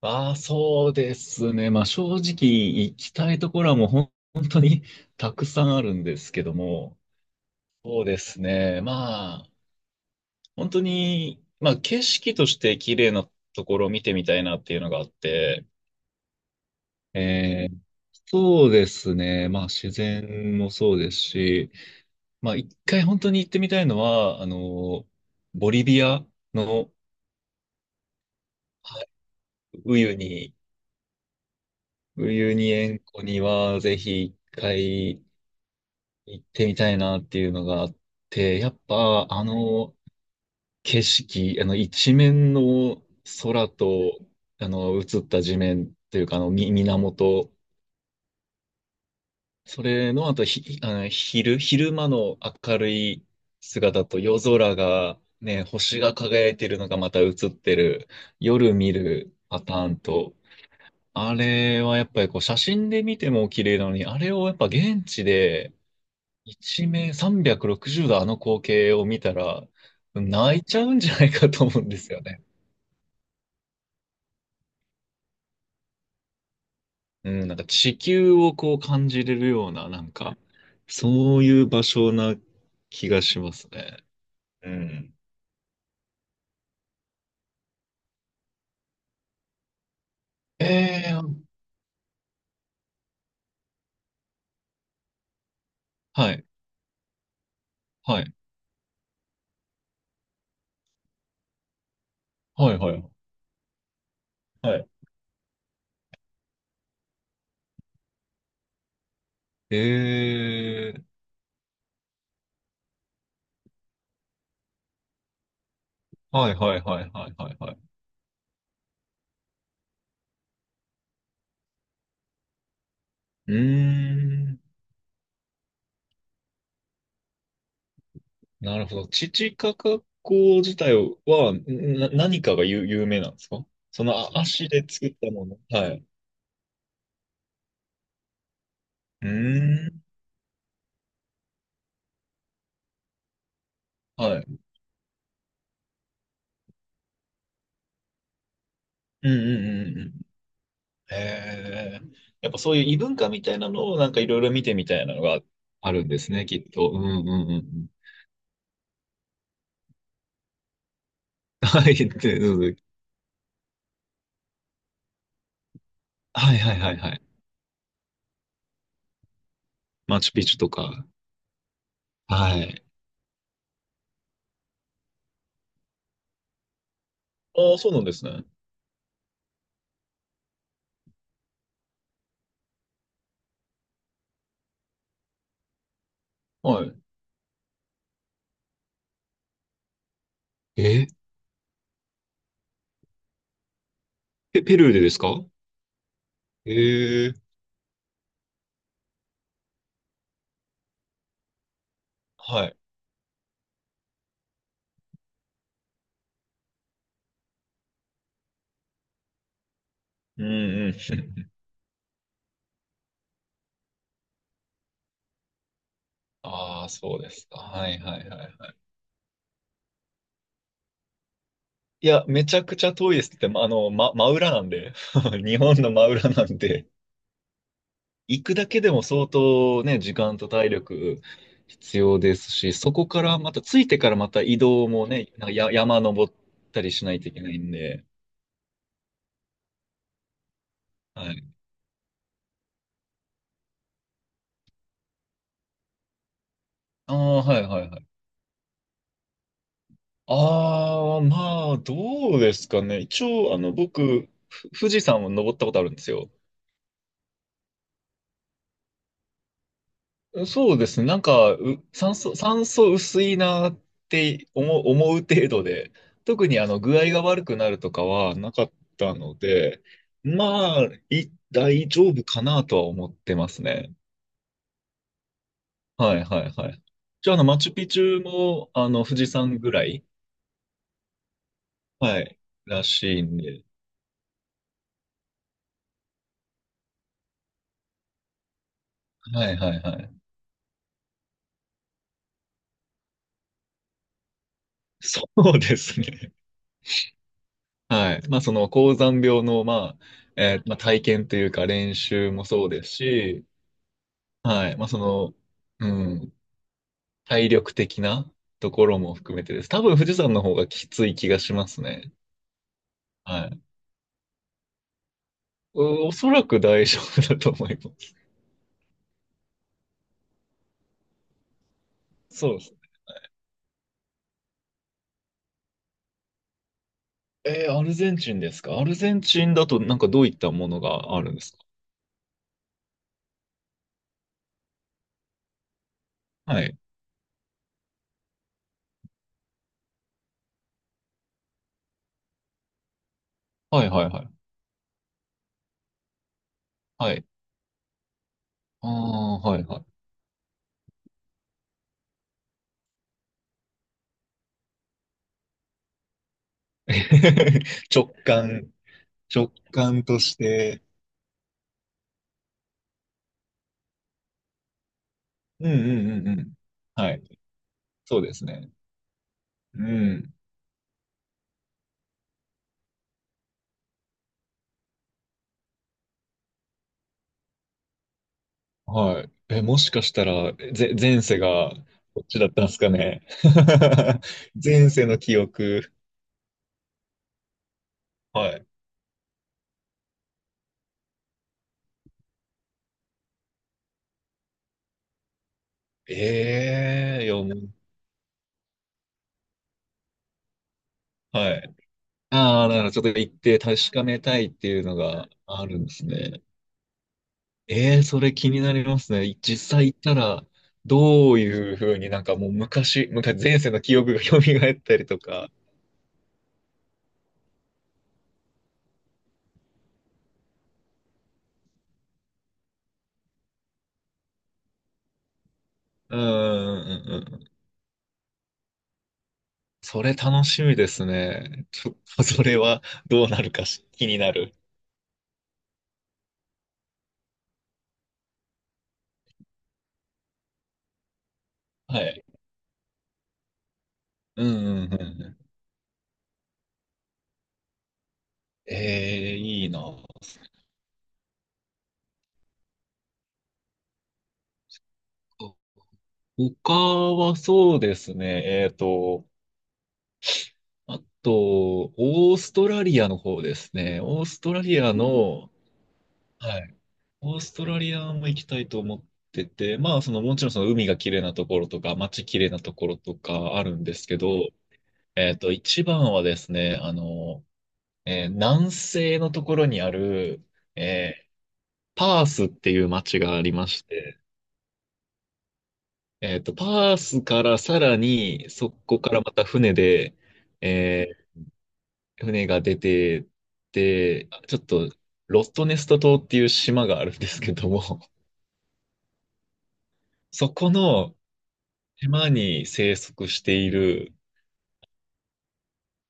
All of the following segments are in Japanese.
ああ、そうですね。まあ正直行きたいところはもう本当にたくさんあるんですけども、そうですね。まあ本当に、まあ景色として綺麗なところを見てみたいなっていうのがあって、えーそうですね。まあ自然もそうですし、まあ一回本当に行ってみたいのは、ボリビアの、はい、ウユニ、ウユニ塩湖にはぜひ一回行ってみたいなっていうのがあって、やっぱ、あの景色、あの一面の空と、あの映った地面というか、あのみ源、それのあと、ひ、あの昼間の明るい姿と夜空がね、星が輝いてるのがまた映ってる、夜見るパターンと、あれはやっぱりこう写真で見ても綺麗なのに、あれをやっぱ現地で一面360度あの光景を見たら、泣いちゃうんじゃないかと思うんですよね。うん、なんか地球をこう感じれるような、なんか、そういう場所な気がしますね。うん。えー、はい、はい、はい、はい、はい。えー、はいはいはいはいはいはい。うーん、なるほど。チチカカ湖自体は、何かが有、有名なんですか？そのあ足で作ったもの。はい。うーん。はい。うんうんうんうん。へえ。やっぱそういう異文化みたいなのをなんかいろいろ見てみたいなのがあるんですね、きっと。うんうんうんうん。はい。で、どうぞ。はいはいはいはい。マチュピチュとか。はい。ああ、そうなんですね。はい。え、ペルーでですか？ええ。はい。うんうん。ああ、そうですか。はいはいはいはい。いや、めちゃくちゃ遠いですって、まあの、ま、真裏なんで。日本の真裏なんで。行くだけでも相当ね、時間と体力必要ですし、そこからまた、着いてからまた移動もね、なんかや、山登ったりしないといけないんで、はい。ああ、はいはいはい。ああ、まあ、どうですかね。一応、あの、僕、富士山を登ったことあるんですよ。そうですね。酸素薄いなって思う程度で、特にあの具合が悪くなるとかはなかったので、まあ、大丈夫かなとは思ってますね。はいはいはい。じゃあ、あの、マチュピチュも、あの、富士山ぐらい、はい、らしいんで。はいはいはい。そうですね。はい。まあ、その、高山病の、まあ、まあ、体験というか練習もそうですし、はい。まあ、その、うん、体力的なところも含めてです。多分富士山の方がきつい気がしますね。はい。お、おそらく大丈夫だと思います。そうです。えーアルゼンチンですか？アルゼンチンだとなんかどういったものがあるんですか？はい。はいはいはい。はい。ああ、はいはい。直感、直感として。うんうんうんうん。はい。そうですね。うん。はい。え、もしかしたら、前世がこっちだったんですかね。前世の記憶。はい。ええ、いや、もう、はい。ああ、だからちょっと行って確かめたいっていうのがあるんですね。ええ、それ気になりますね。実際行ったら、どういうふうに、なんかもう昔、前世の記憶が蘇ったりとか。うんうんうんうん。それ楽しみですね。ちょっとそれはどうなるか気になる。はい。うんうんうんうん。ええ、いいな。他はそうですね。えっと、あと、オーストラリアの方ですね。オーストラリアの、はい。オーストラリアも行きたいと思ってて、まあ、その、もちろんその海が綺麗なところとか、街綺麗なところとかあるんですけど、えっと、一番はですね、あの、えー南西のところにある、えーパースっていう街がありまして、えっと、パースからさらに、そこからまた船で、えー船が出てって、ちょっと、ロストネスト島っていう島があるんですけども、そこの島に生息している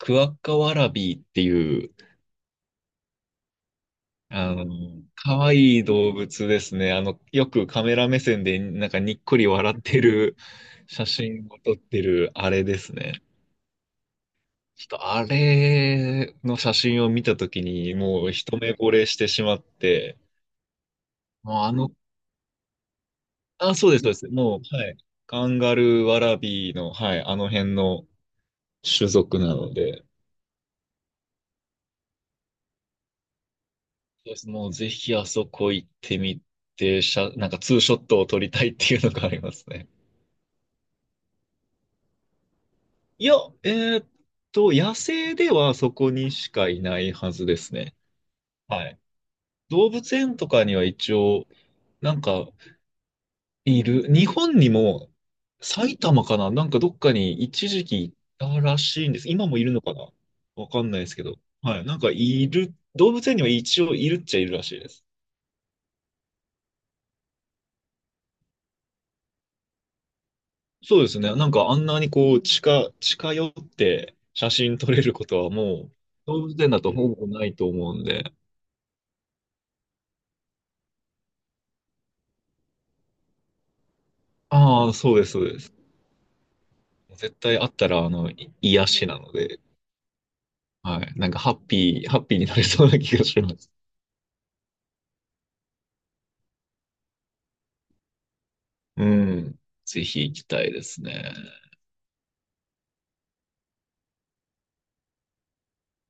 クワッカワラビーっていう、あの、可愛い動物ですね。あの、よくカメラ目線でなんかにっこり笑ってる写真を撮ってるあれですね。ちょっとあれの写真を見たときに、もう一目惚れしてしまって、もうあの、あ、そうです、そうです。もう、はい。カンガルー、ワラビーの、はい、あの辺の種族なので、そうです。もうぜひあそこ行ってみて、なんかツーショットを撮りたいっていうのがありますね。いや、えーっと、野生ではそこにしかいないはずですね。はい。動物園とかには一応、なんか、いる。日本にも、埼玉かななんかどっかに一時期いたらしいんです。今もいるのかな、わかんないですけど。はい。なんかいる、動物園には一応いるっちゃいるらしいです。そうですね。なんかあんなにこう近寄って写真撮れることはもう動物園だとほぼないと思うんで。ああ、そうです、そうです。絶対あったらあの、癒しなので、はい。なんかハッピーになれそうな気がします。うん。ぜひ行きたいですね。